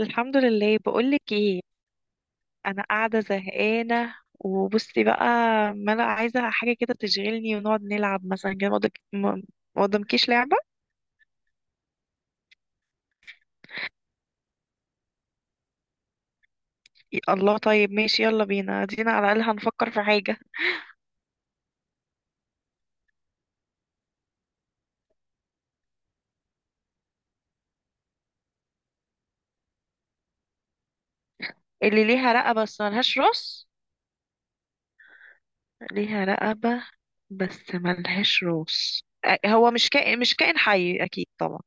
الحمد لله، بقولك ايه. انا قاعده زهقانه وبصي بقى، ما انا عايزه حاجه كده تشغلني ونقعد نلعب مثلا كده. ما قدامكيش لعبه. الله، طيب ماشي يلا بينا دينا، على الاقل هنفكر في حاجه. اللي ليها رقبه بس ملهاش راس. ليها رقبه بس ملهاش راس. هو مش كائن حي اكيد طبعا.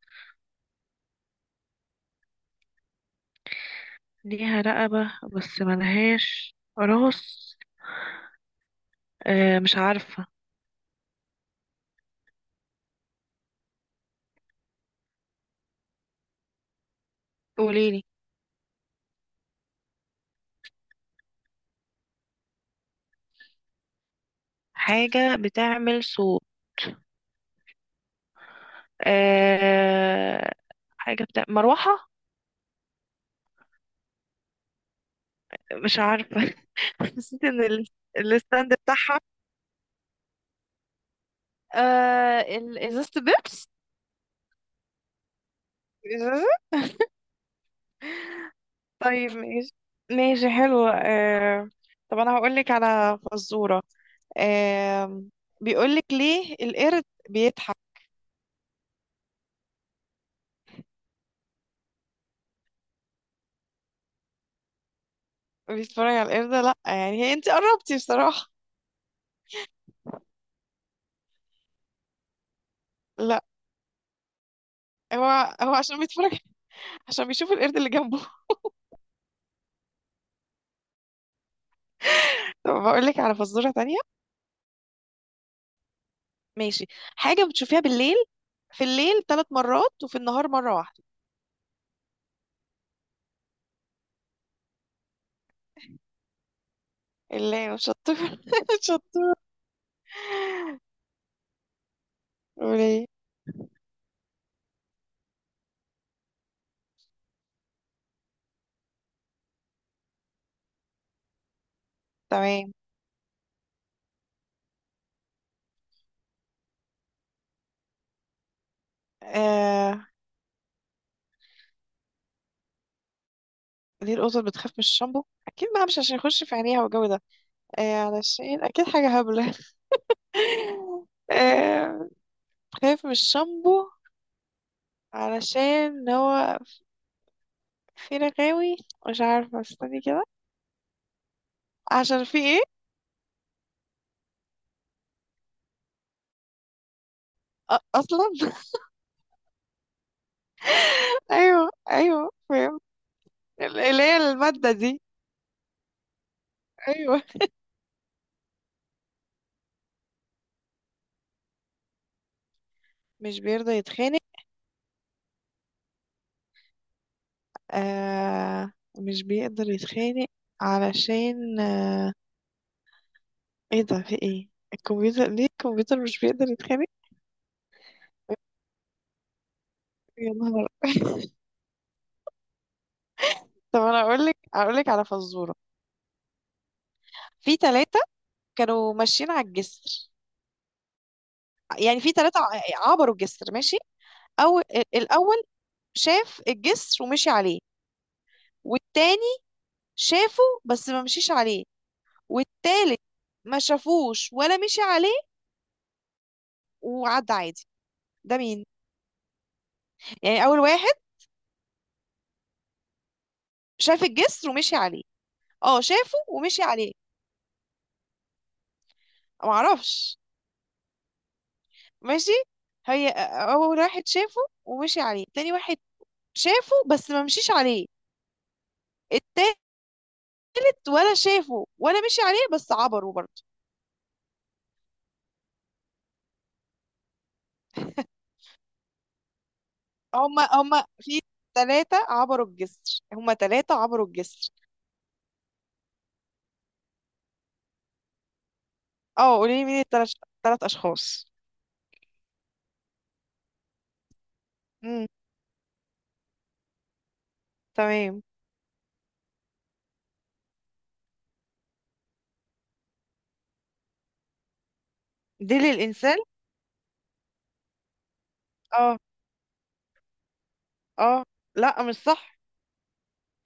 ليها رقبه بس ملهاش راس. مش عارفه. قوليلي. حاجه بتعمل صوت. أه حاجة بتاع مروحة. مش عارفة حسيت ان الستاند بتاعها. ازازة بيبس. إزازة. طيب ماشي، ماشي حلو طب أنا هقولك على فزورة أه بيقولك ليه القرد بيضحك؟ بيتفرج على القردة، لأ يعني هي أنت قربتي بصراحة. لأ، هو هو عشان بيتفرج، عشان بيشوف القرد اللي جنبه. طب بقولك على فزورة تانية. ماشي. حاجة بتشوفيها بالليل، في الليل 3 مرات وفي النهار مرة واحدة. اللي شطور شطور. وليه. تمام. آه... ليه القطط بتخاف من الشامبو؟ أكيد بقى مش عشان يخش في عينيها والجو ده. علشان أكيد حاجة هبلة. آه... بتخاف من الشامبو علشان هو في رغاوي. مش عارفة، استني كده. عشان في ايه. أصلا. أيوه أيوه فاهم. اللي هي المادة دي. أيوه. مش بيرضى يتخانق. آه، مش بيقدر يتخانق. علشان ايه ده، في ايه الكمبيوتر. ليه الكمبيوتر مش بيقدر يتخانق؟ يا نهار. طب انا اقول لك على فزوره. في ثلاثه كانوا ماشيين على الجسر، يعني في ثلاثه عبروا الجسر ماشي. او الاول شاف الجسر ومشي عليه، والتاني شافه بس ما مشيش عليه، والتالت ما شافوش ولا مشي عليه وعدى عادي. ده مين؟ يعني اول واحد شاف الجسر ومشي عليه. اه شافه ومشي عليه. معرفش. ماشي. هي اول واحد شافه ومشي عليه، تاني واحد شافه بس ما مشيش عليه، التالت ولا شافه ولا مشي عليه بس عبروا برضه. هما في ثلاثة عبروا الجسر، هما ثلاثة عبروا الجسر. اه قولي لي مين الثلاث، ثلاث اشخاص. امم. تمام. دي للانسان. اه اه، لا مش صح.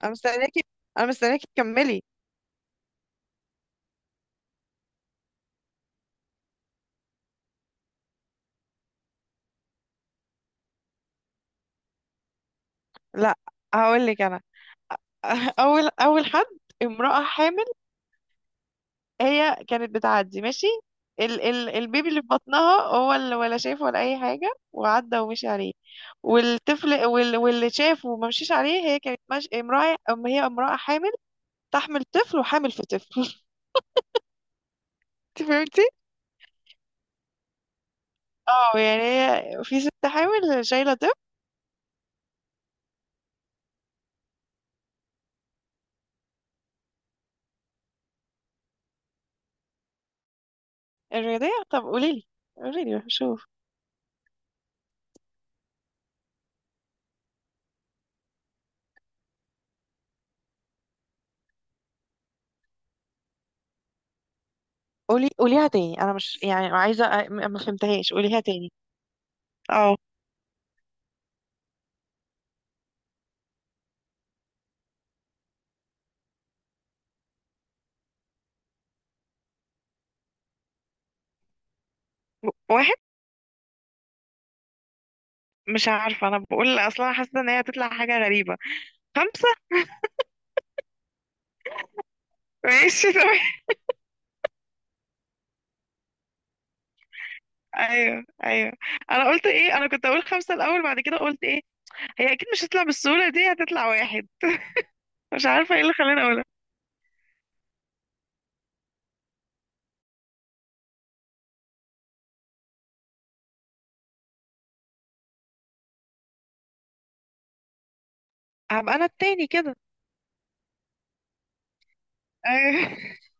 انا مستنياكي، انا مستنياكي تكملي. لا هقول لك انا. اول حد امرأة حامل، هي كانت بتعدي ماشي. ال البيبي اللي في بطنها هو اللي ولا شاف ولا اي حاجه وعدى ومشي عليه. والطفل واللي شافه وما مشيش عليه، هي كانت مش... امراه أم هي امراه حامل تحمل طفل وحامل في طفل. انت فهمتي. اه يعني هي في ست حامل شايله طفل. الرياضيه، طب قولي لي شوف. قوليها تاني. انا مش، يعني عايزه ما فهمتهاش، قوليها تاني. اه واحد. مش عارفه، انا بقول اصلا حاسه ان هي هتطلع حاجه غريبه. خمسه. ماشي تمام. ايوه ايوه. انا قلت ايه؟ انا كنت اقول خمسة الاول بعد كده قلت ايه. هي اكيد مش هتطلع بالسهولة دي، هتطلع واحد. مش عارفة ايه اللي خلاني اقولها. هبقى انا التاني كده. ايوه.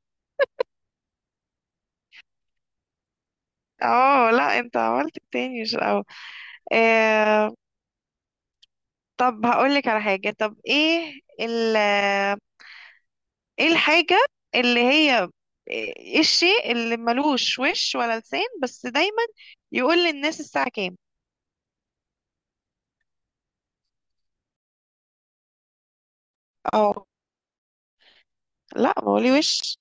اه لا، انت عملت التاني مش الاول. آه طب هقول لك على حاجة. طب ايه ايه الحاجة اللي هي ايه الشيء اللي ملوش وش ولا لسان بس دايما يقول للناس الساعة كام؟ اه لا، ما هو ليه وش.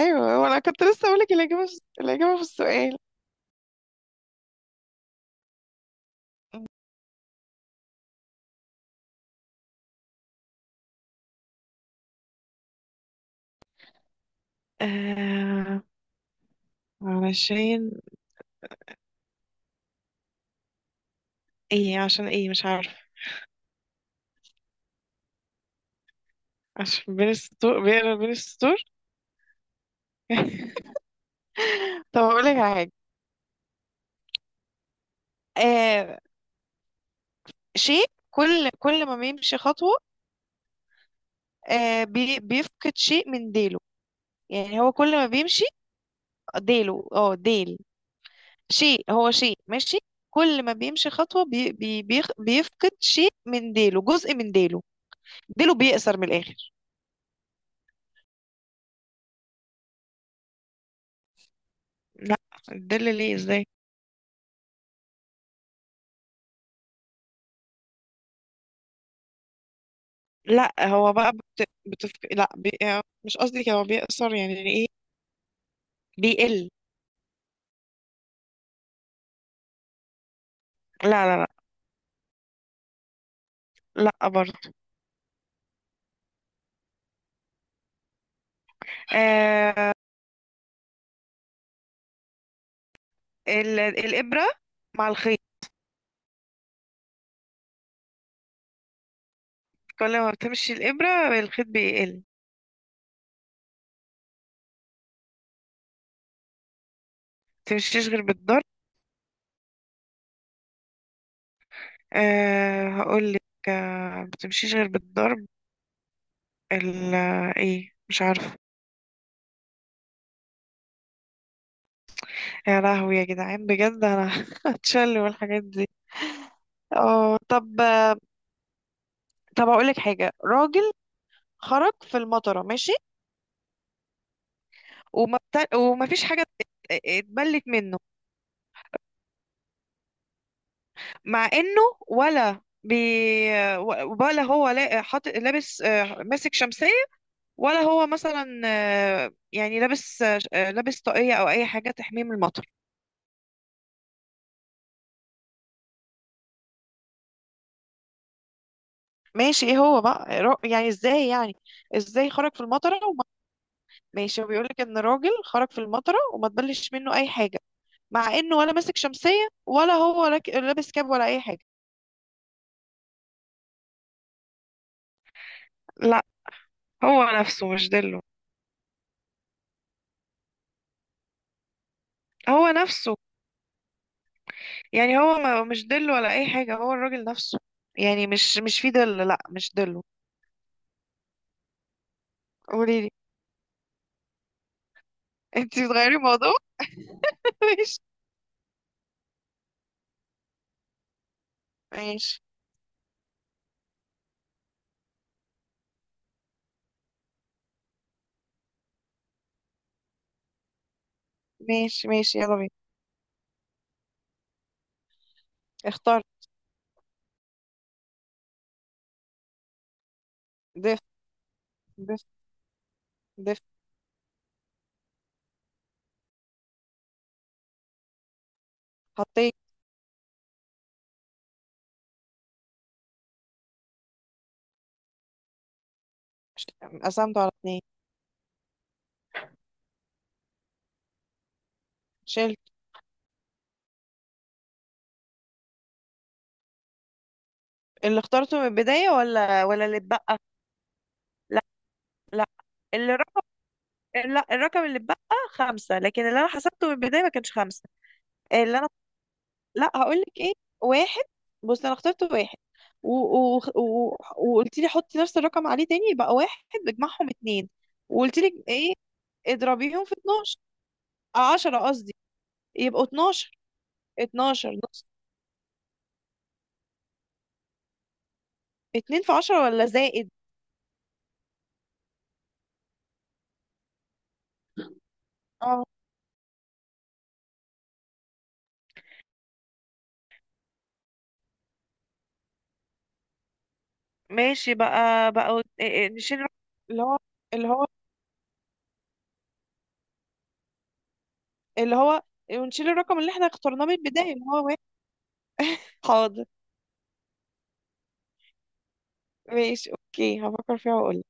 ايوه وانا كنت لسه اقول لك الاجابة الاجابة في السؤال. آه علشان ايه، عشان ايه مش عارف. عشان بين السطور، بيقرا بين السطور. طب اقول لك على حاجه. آه شيء كل ما بيمشي خطوه آه بي بيفقد شيء من ديله. يعني هو كل ما بيمشي ديله. اه ديل. شيء هو شيء ماشي كل ما بيمشي خطوه بيفقد شيء من ديله، جزء من ديله. ديله بيقصر من الاخر. لا الدل، ليه ازاي. لا هو بقى لا بي... آه، مش قصدي، هو بيقصر يعني ايه. بيقل. لا لا لا. لا برضه. آه الإبرة مع الخيط، كل ما بتمشي الإبرة الخيط بيقل. ما بتمشيش غير بالضرب. هقول لك. ما بتمشيش غير بالضرب. ال... ايه، مش عارفة. يا لهوي يا جدعان، بجد انا هتشل والحاجات دي. اه طب. اقول لك حاجة. راجل خرج في المطرة ماشي، وما فيش حاجة اتبلت منه، مع انه ولا بي... ولا هو لا... حاط... لابس، ماسك شمسية. ولا هو مثلا، يعني لابس، لابس طاقية او اي حاجة تحميه من المطر. ماشي ايه هو بقى يعني ازاي، يعني ازاي خرج في المطرة ماشي. هو بيقولك ان راجل خرج في المطرة وما تبلش منه اي حاجة، مع انه ولا ماسك شمسية ولا هو لابس كاب ولا اي حاجة. لا هو نفسه مش دله. هو نفسه. يعني هو مش دله ولا اي حاجه، هو الراجل نفسه. يعني مش في دل، لا مش دله. قولي لي. انت بتغيري الموضوع. ماشي. ماشي ماشي ماشي، يلا بينا. اخترت. دف دف دف. حطيت. ش- قسمته على 2. شلت. اللي اخترته من البدايه، ولا اللي اتبقى. لا لا، الرقم، لا الرقم اللي اتبقى خمسة، لكن اللي انا حسبته من البداية ما كانش خمسة. اللي لا هقول لك ايه. واحد. بص انا اخترت واحد و... وقلت لي حطي نفس الرقم عليه تاني يبقى واحد، بجمعهم اتنين. وقلت لك ايه، اضربيهم في 12، 10 قصدي. يبقوا 12. 12 نص. 2 في 10 ولا زائد. اه ماشي بقى، إيه، نشيل الرقم. اللي هو اللي هو اللي هو. ونشيل الرقم اللي احنا اخترناه من البداية اللي هو واحد. حاضر. ماشي اوكي، هفكر فيها واقول.